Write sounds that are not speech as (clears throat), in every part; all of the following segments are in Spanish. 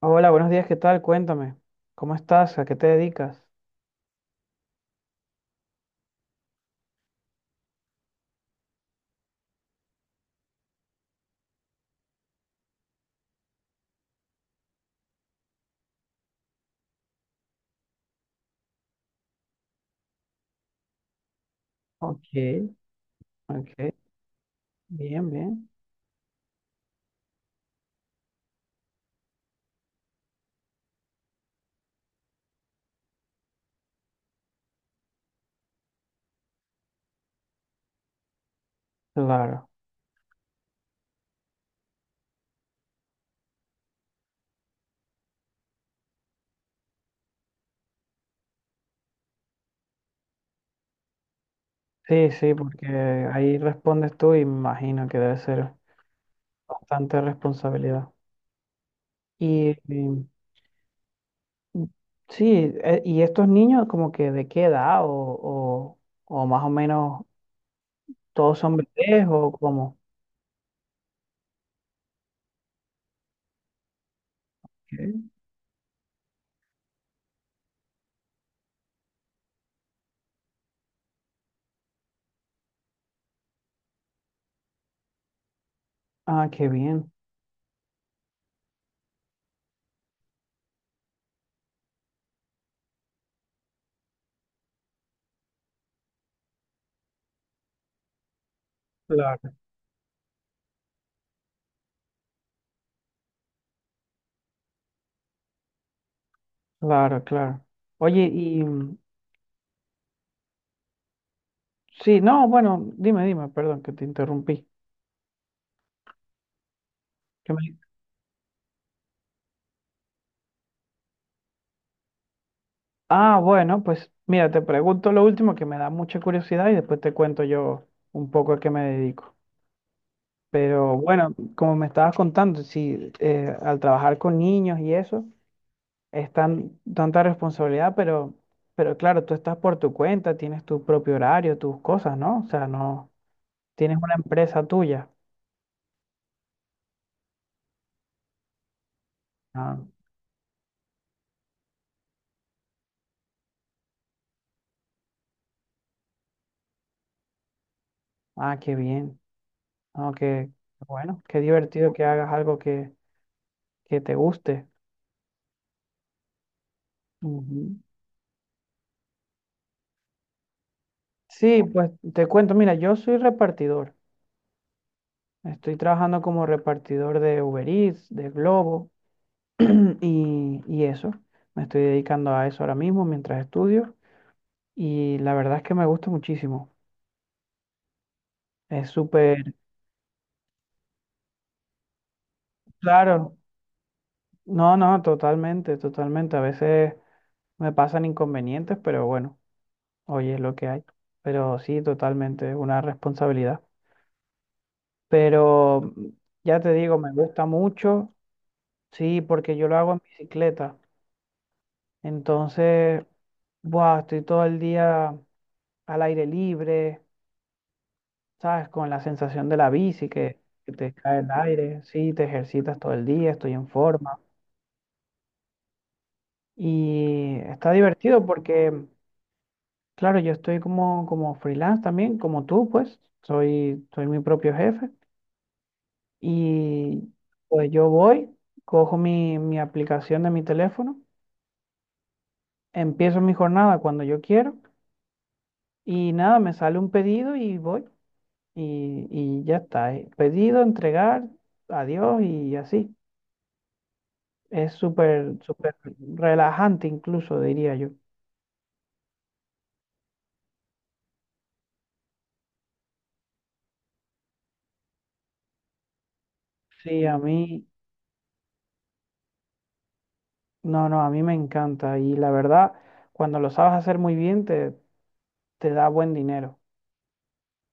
Hola, buenos días, ¿qué tal? Cuéntame, ¿cómo estás? ¿A qué te dedicas? Ok, ok, bien, bien, claro. Sí, sí, porque ahí respondes tú y me imagino que debe ser bastante responsabilidad. Y sí, ¿y estos niños como que de qué edad o más o menos todos son bebés o cómo? Ok. Ah, qué bien. Claro. Claro, claro. Oye, sí, no, bueno, dime, dime, perdón que te interrumpí. Ah, bueno, pues mira, te pregunto lo último que me da mucha curiosidad y después te cuento yo un poco a qué me dedico. Pero bueno, como me estabas contando, sí, al trabajar con niños y eso, es tanta responsabilidad, pero claro, tú estás por tu cuenta, tienes tu propio horario, tus cosas, ¿no? O sea, no, tienes una empresa tuya. Ah, ah, qué bien. No, bueno, qué divertido que hagas algo que te guste. Ujú. Sí, pues te cuento, mira, yo soy repartidor. Estoy trabajando como repartidor de Uber Eats, de Globo (clears throat) y eso. Me estoy dedicando a eso ahora mismo mientras estudio y la verdad es que me gusta muchísimo. Es súper claro. No, no, totalmente, totalmente. A veces me pasan inconvenientes, pero bueno, hoy es lo que hay. Pero sí, totalmente, es una responsabilidad. Pero ya te digo, me gusta mucho, sí, porque yo lo hago en bicicleta. Entonces, buah, estoy todo el día al aire libre, ¿sabes? Con la sensación de la bici que te cae el aire, sí, te ejercitas todo el día, estoy en forma. Y está divertido porque, claro, yo estoy como freelance también, como tú, pues, soy mi propio jefe. Y pues yo voy, cojo mi aplicación de mi teléfono, empiezo mi jornada cuando yo quiero y nada, me sale un pedido y voy. Y ya está. Pedido, entregar, adiós y así. Es súper, súper relajante incluso, diría yo. Sí, a mí, no, no, a mí me encanta y la verdad, cuando lo sabes hacer muy bien, te da buen dinero.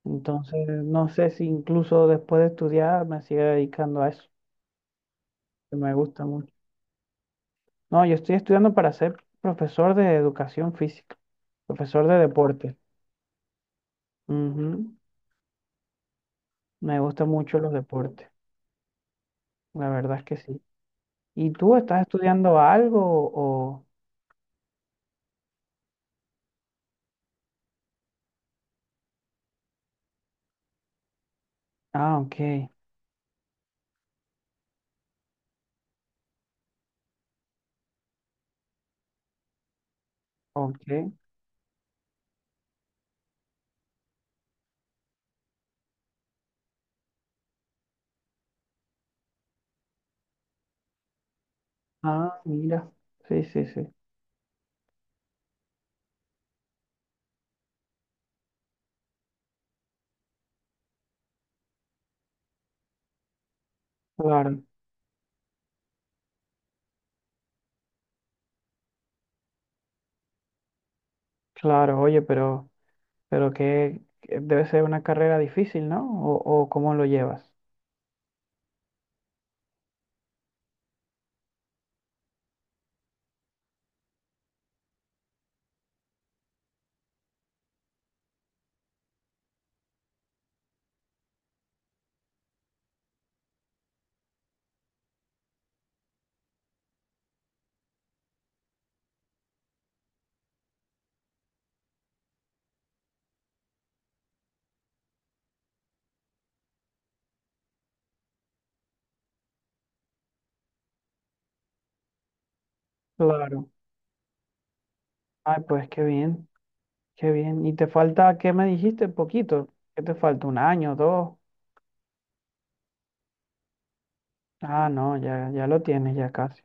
Entonces, no sé si incluso después de estudiar me sigue dedicando a eso, que me gusta mucho. No, yo estoy estudiando para ser profesor de educación física, profesor de deporte. Ujú. Me gustan mucho los deportes, la verdad es que sí. ¿Y tú estás estudiando algo o...? Ah, ok, ok. Ah, mira. Sí, sí, sí. Claro, claro. Oye, pero que debe ser una carrera difícil, ¿no? ¿O, cómo lo llevas? Claro. Ay, pues qué bien, qué bien. ¿Y te falta, qué me dijiste? Poquito. ¿Qué te falta? ¿Un año, dos? Ah, no, ya, ya lo tienes, ya casi.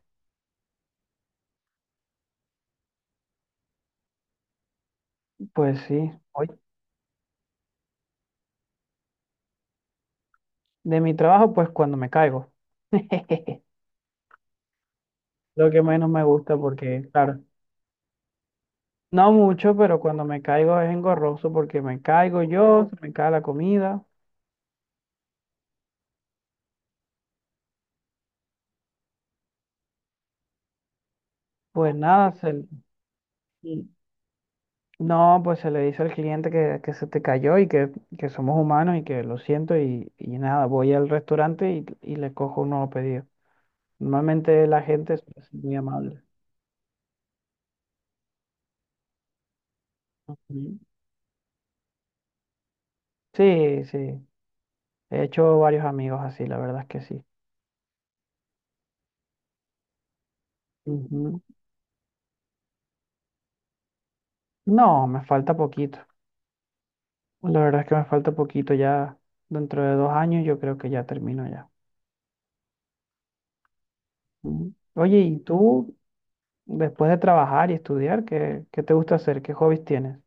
Pues sí. Oye, de mi trabajo, pues cuando me caigo. (laughs) Lo que menos me gusta porque, claro. No mucho, pero cuando me caigo es engorroso porque me caigo yo, se me cae la comida. Pues nada, y- no, pues se le dice al cliente que, se te cayó y que, somos humanos y que lo siento y nada, voy al restaurante y le cojo un nuevo pedido. Normalmente la gente es muy amable. Ujú. Sí, sí, he hecho varios amigos así, la verdad es que sí. Ujú. No, me falta poquito. La verdad es que me falta poquito ya. Dentro de 2 años yo creo que ya termino ya. Mm. Oye, ¿y tú, después de trabajar y estudiar, qué te gusta hacer? ¿Qué hobbies tienes?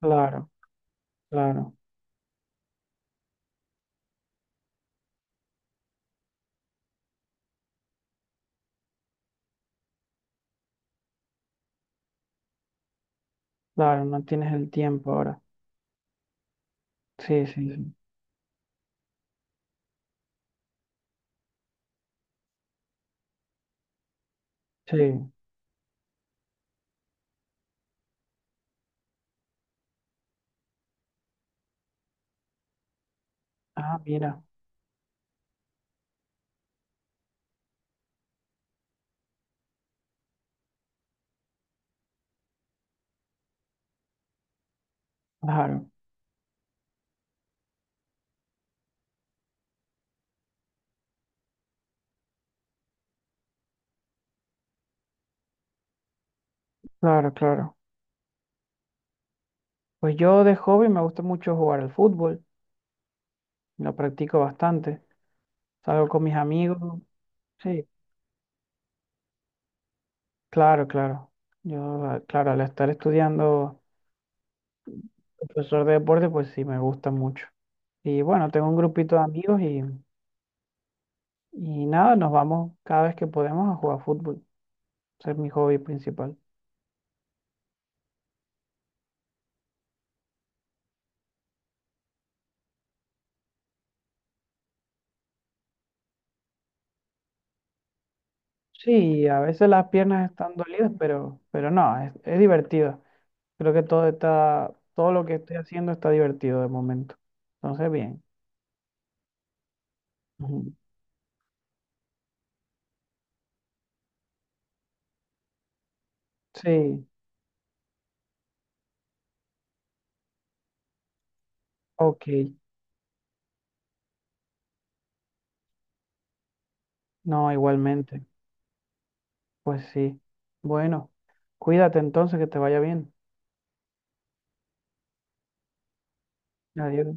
Claro, claro, claro, no tienes el tiempo ahora. Sí, sí, sí. Sí. Ah, mira, claro, claro, claro. Pues yo de hobby me gusta mucho jugar al fútbol, lo practico bastante. Salgo con mis amigos. Sí, claro, claro. Yo, ah, claro, al estar estudiando profesor de deporte, pues sí, me gusta mucho. Y bueno, tengo un grupito de amigos y nada, nos vamos cada vez que podemos a jugar fútbol. Ese es mi hobby principal. Sí, a veces las piernas están dolidas, pero no, es divertido. Creo que todo lo que estoy haciendo está divertido de momento. Entonces, bien. Ujú. Sí, ok. No, igualmente. Pues sí. Bueno, cuídate entonces, que te vaya bien. Adiós.